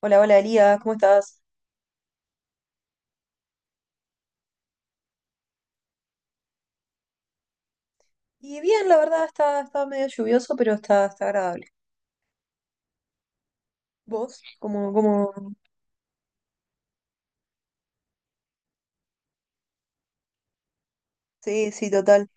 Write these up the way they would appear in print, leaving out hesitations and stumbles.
Hola, hola Elías, ¿cómo estás? Y bien, la verdad está medio lluvioso, pero está agradable. ¿Vos? ¿Cómo? Sí, sí, total.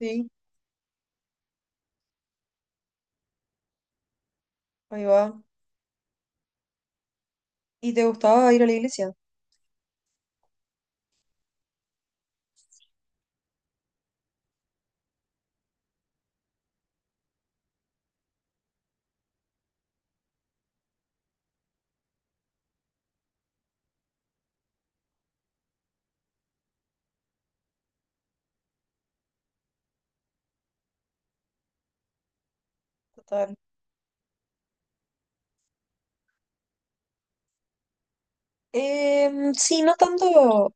Sí, ahí va. ¿Y te gustaba ir a la iglesia? Total. Sí, no tanto.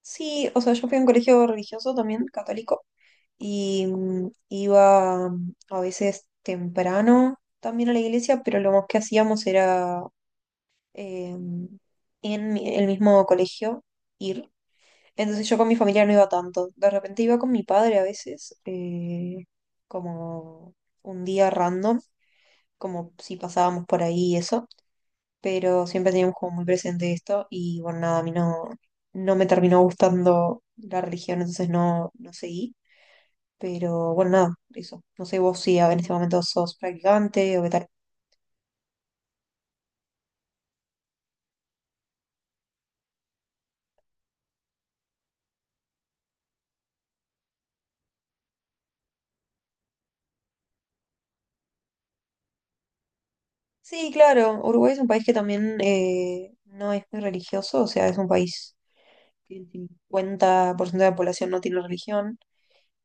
Sí, o sea, yo fui a un colegio religioso también, católico, y iba, a veces temprano también a la iglesia, pero lo más que hacíamos era em, en el mismo colegio ir. Entonces yo con mi familia no iba tanto. De repente iba con mi padre a veces, como un día random, como si pasábamos por ahí y eso. Pero siempre teníamos como muy presente esto y bueno, nada, a mí no, no me terminó gustando la religión, entonces no, no seguí. Pero bueno, nada, eso. No sé vos si en este momento sos practicante o qué tal. Sí, claro, Uruguay es un país que también no es muy religioso, o sea, es un país que el 50% de la población no tiene religión.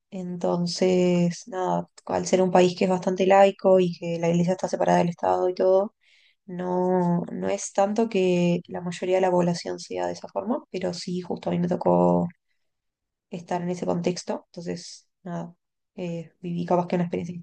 Entonces, nada, al ser un país que es bastante laico y que la iglesia está separada del Estado y todo, no, no es tanto que la mayoría de la población sea de esa forma, pero sí, justo a mí me tocó estar en ese contexto. Entonces, nada, viví capaz que una experiencia.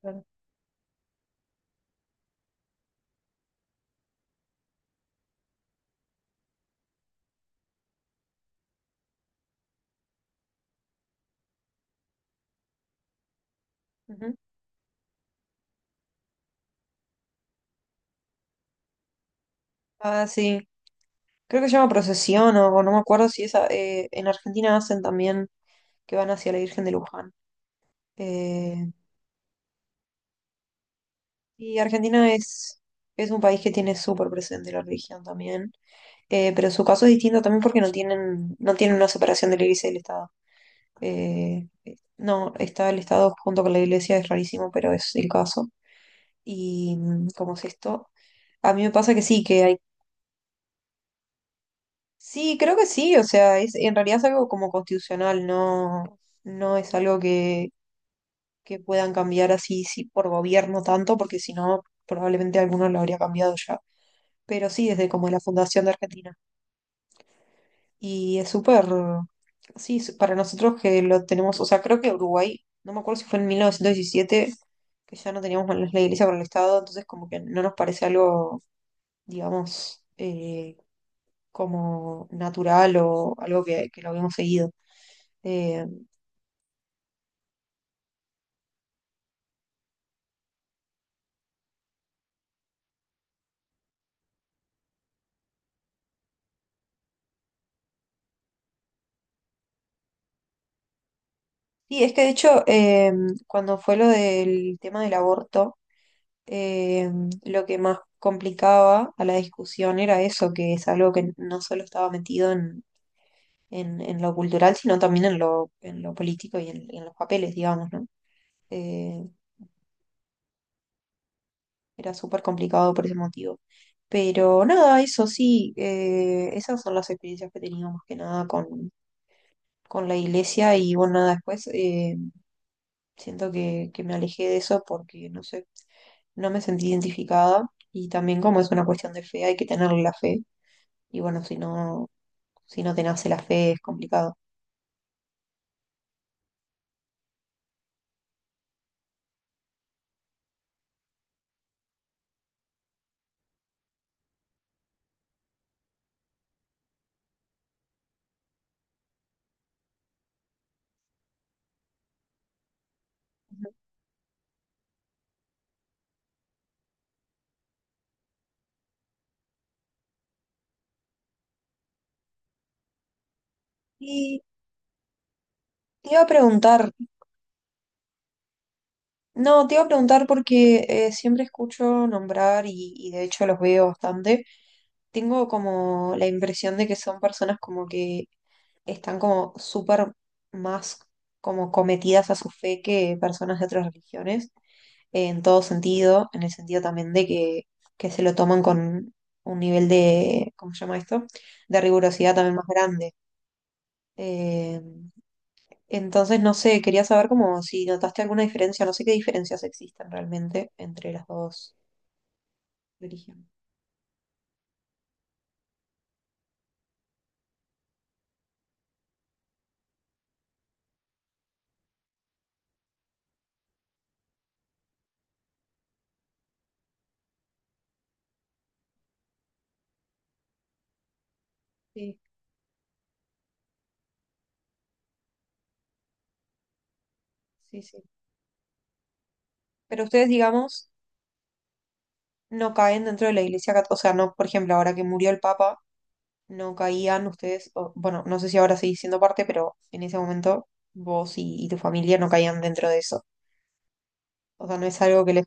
Claro. Ujú. Ah, sí. Creo que se llama procesión o no me acuerdo si esa. En Argentina hacen también que van hacia la Virgen de Luján. Eh, y Argentina es un país que tiene súper presente la religión también. Pero su caso es distinto también porque no tienen, no tienen una separación de la iglesia y del Estado. No, está el Estado junto con la iglesia, es rarísimo, pero es el caso. Y cómo es esto, a mí me pasa que sí, que hay... Sí, creo que sí, o sea, es, en realidad es algo como constitucional, no, no es algo que puedan cambiar así sí, por gobierno tanto, porque si no, probablemente alguno lo habría cambiado ya. Pero sí, desde como la fundación de Argentina. Y es súper, sí, para nosotros que lo tenemos, o sea, creo que Uruguay, no me acuerdo si fue en 1917 que ya no teníamos más la iglesia para el Estado, entonces como que no nos parece algo, digamos, como natural o algo que lo habíamos seguido. Eh, y es que de hecho, cuando fue lo del tema del aborto, eh, lo que más complicaba a la discusión era eso, que es algo que no solo estaba metido en lo cultural, sino también en lo político y en los papeles, digamos, ¿no? Eh, Era súper complicado por ese motivo. Pero nada, eso sí, esas son las experiencias que he tenido más que nada con, con la iglesia y bueno, nada, después siento que me alejé de eso porque, no sé, no me sentí identificada y también como es una cuestión de fe, hay que tener la fe y bueno, si no, si no te nace la fe es complicado. Y te iba a preguntar. No, te iba a preguntar porque siempre escucho nombrar y de hecho los veo bastante. Tengo como la impresión de que son personas como que están como súper más como cometidas a su fe que personas de otras religiones, en todo sentido, en el sentido también de que se lo toman con un nivel de, ¿cómo se llama esto? De rigurosidad también más grande. Em, entonces, no sé, quería saber como si notaste alguna diferencia, no sé qué diferencias existen realmente entre las dos religiones. Sí, sí, sí. Pero ustedes, digamos, no caen dentro de la iglesia católica, o sea, no, por ejemplo, ahora que murió el Papa, no caían ustedes, o, bueno, no sé si ahora seguís siendo parte, pero en ese momento vos y tu familia no caían dentro de eso. O sea, no es algo que les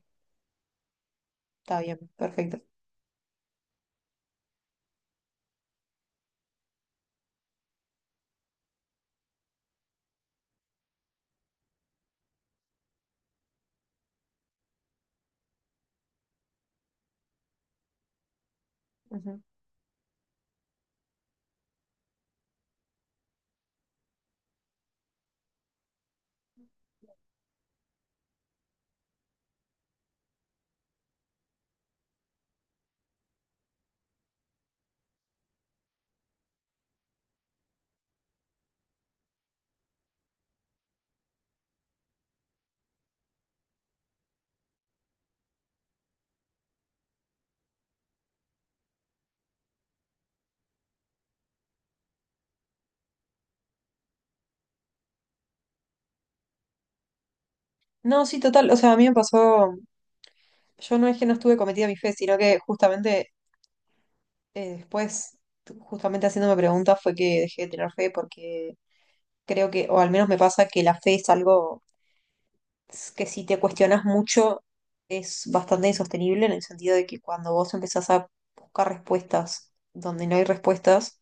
está bien, perfecto. Ujú. No, sí, total, o sea, a mí me pasó, yo no es que no estuve cometida mi fe, sino que justamente después, justamente haciéndome preguntas, fue que dejé de tener fe porque creo que, o al menos me pasa que la fe es algo que si te cuestionas mucho es bastante insostenible en el sentido de que cuando vos empezás a buscar respuestas donde no hay respuestas,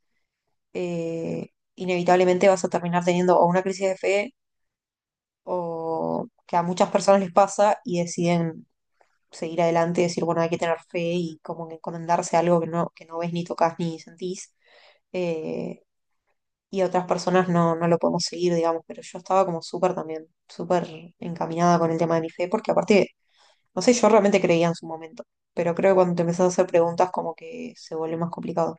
eh, inevitablemente vas a terminar teniendo o una crisis de fe o que a muchas personas les pasa y deciden seguir adelante y decir, bueno, hay que tener fe y como que encomendarse a algo que no ves ni tocas ni sentís. Eh, y otras personas no, no lo podemos seguir, digamos, pero yo estaba como súper también, súper encaminada con el tema de mi fe, porque aparte, no sé, yo realmente creía en su momento, pero creo que cuando te empezás a hacer preguntas como que se vuelve más complicado.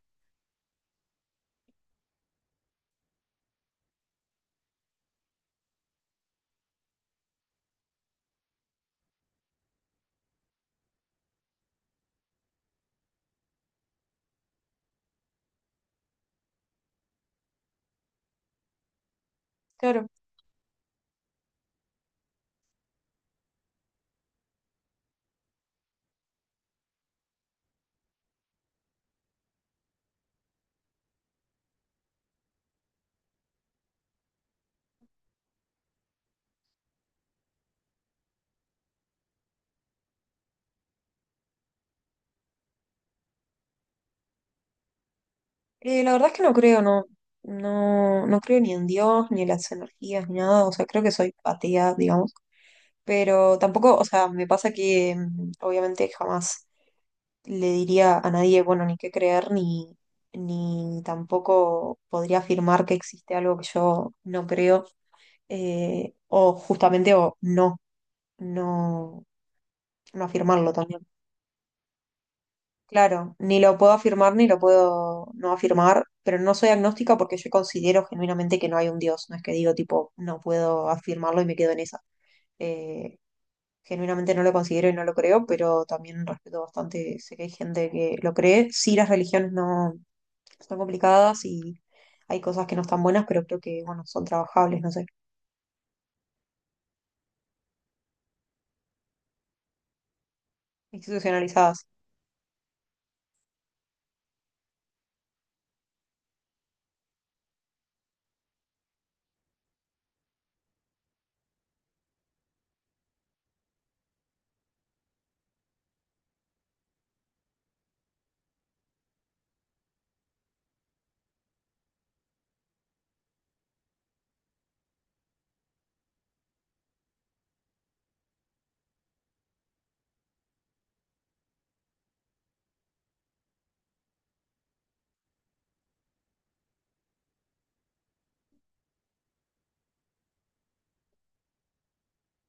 Claro, la verdad es que no creo, no, no, no creo ni en Dios, ni en las energías, ni nada, o sea, creo que soy atea, digamos, pero tampoco, o sea, me pasa que obviamente jamás le diría a nadie, bueno, ni qué creer, ni, ni tampoco podría afirmar que existe algo que yo no creo, o justamente o no, no, no afirmarlo también. Claro, ni lo puedo afirmar ni lo puedo no afirmar, pero no soy agnóstica porque yo considero genuinamente que no hay un Dios, no es que digo tipo, no puedo afirmarlo y me quedo en esa. Eh, Genuinamente no lo considero y no lo creo, pero también respeto bastante, sé que hay gente que lo cree. Sí, las religiones no, son complicadas y hay cosas que no están buenas, pero creo que, bueno, son trabajables, no sé, institucionalizadas.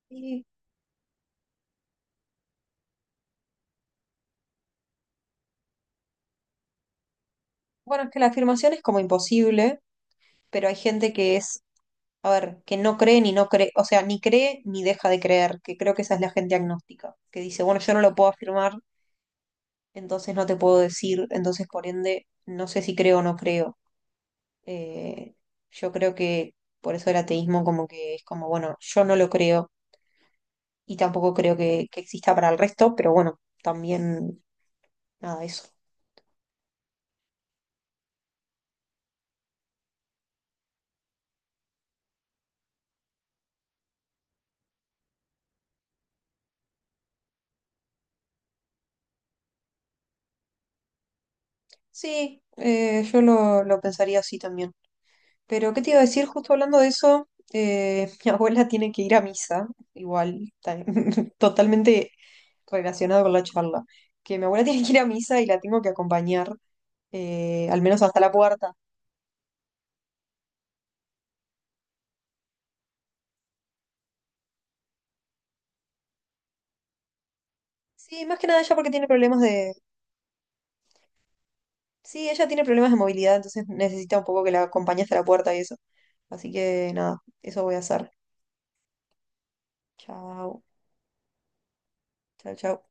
Y bueno, es que la afirmación es como imposible, pero hay gente que es, a ver, que no cree ni no cree, o sea, ni cree ni deja de creer, que creo que esa es la gente agnóstica, que dice, bueno, yo no lo puedo afirmar, entonces no te puedo decir, entonces por ende, no sé si creo o no creo. Eh, yo creo que por eso el ateísmo como que es como, bueno, yo no lo creo y tampoco creo que exista para el resto, pero bueno, también nada, eso. Sí, yo lo pensaría así también. Pero, ¿qué te iba a decir? Justo hablando de eso, mi abuela tiene que ir a misa, igual, totalmente relacionado con la charla, que mi abuela tiene que ir a misa y la tengo que acompañar, al menos hasta la puerta. Sí, más que nada ella porque tiene problemas de... Sí, ella tiene problemas de movilidad, entonces necesita un poco que la acompañe hasta la puerta y eso. Así que nada, eso voy a hacer. Chao. Chao, chao.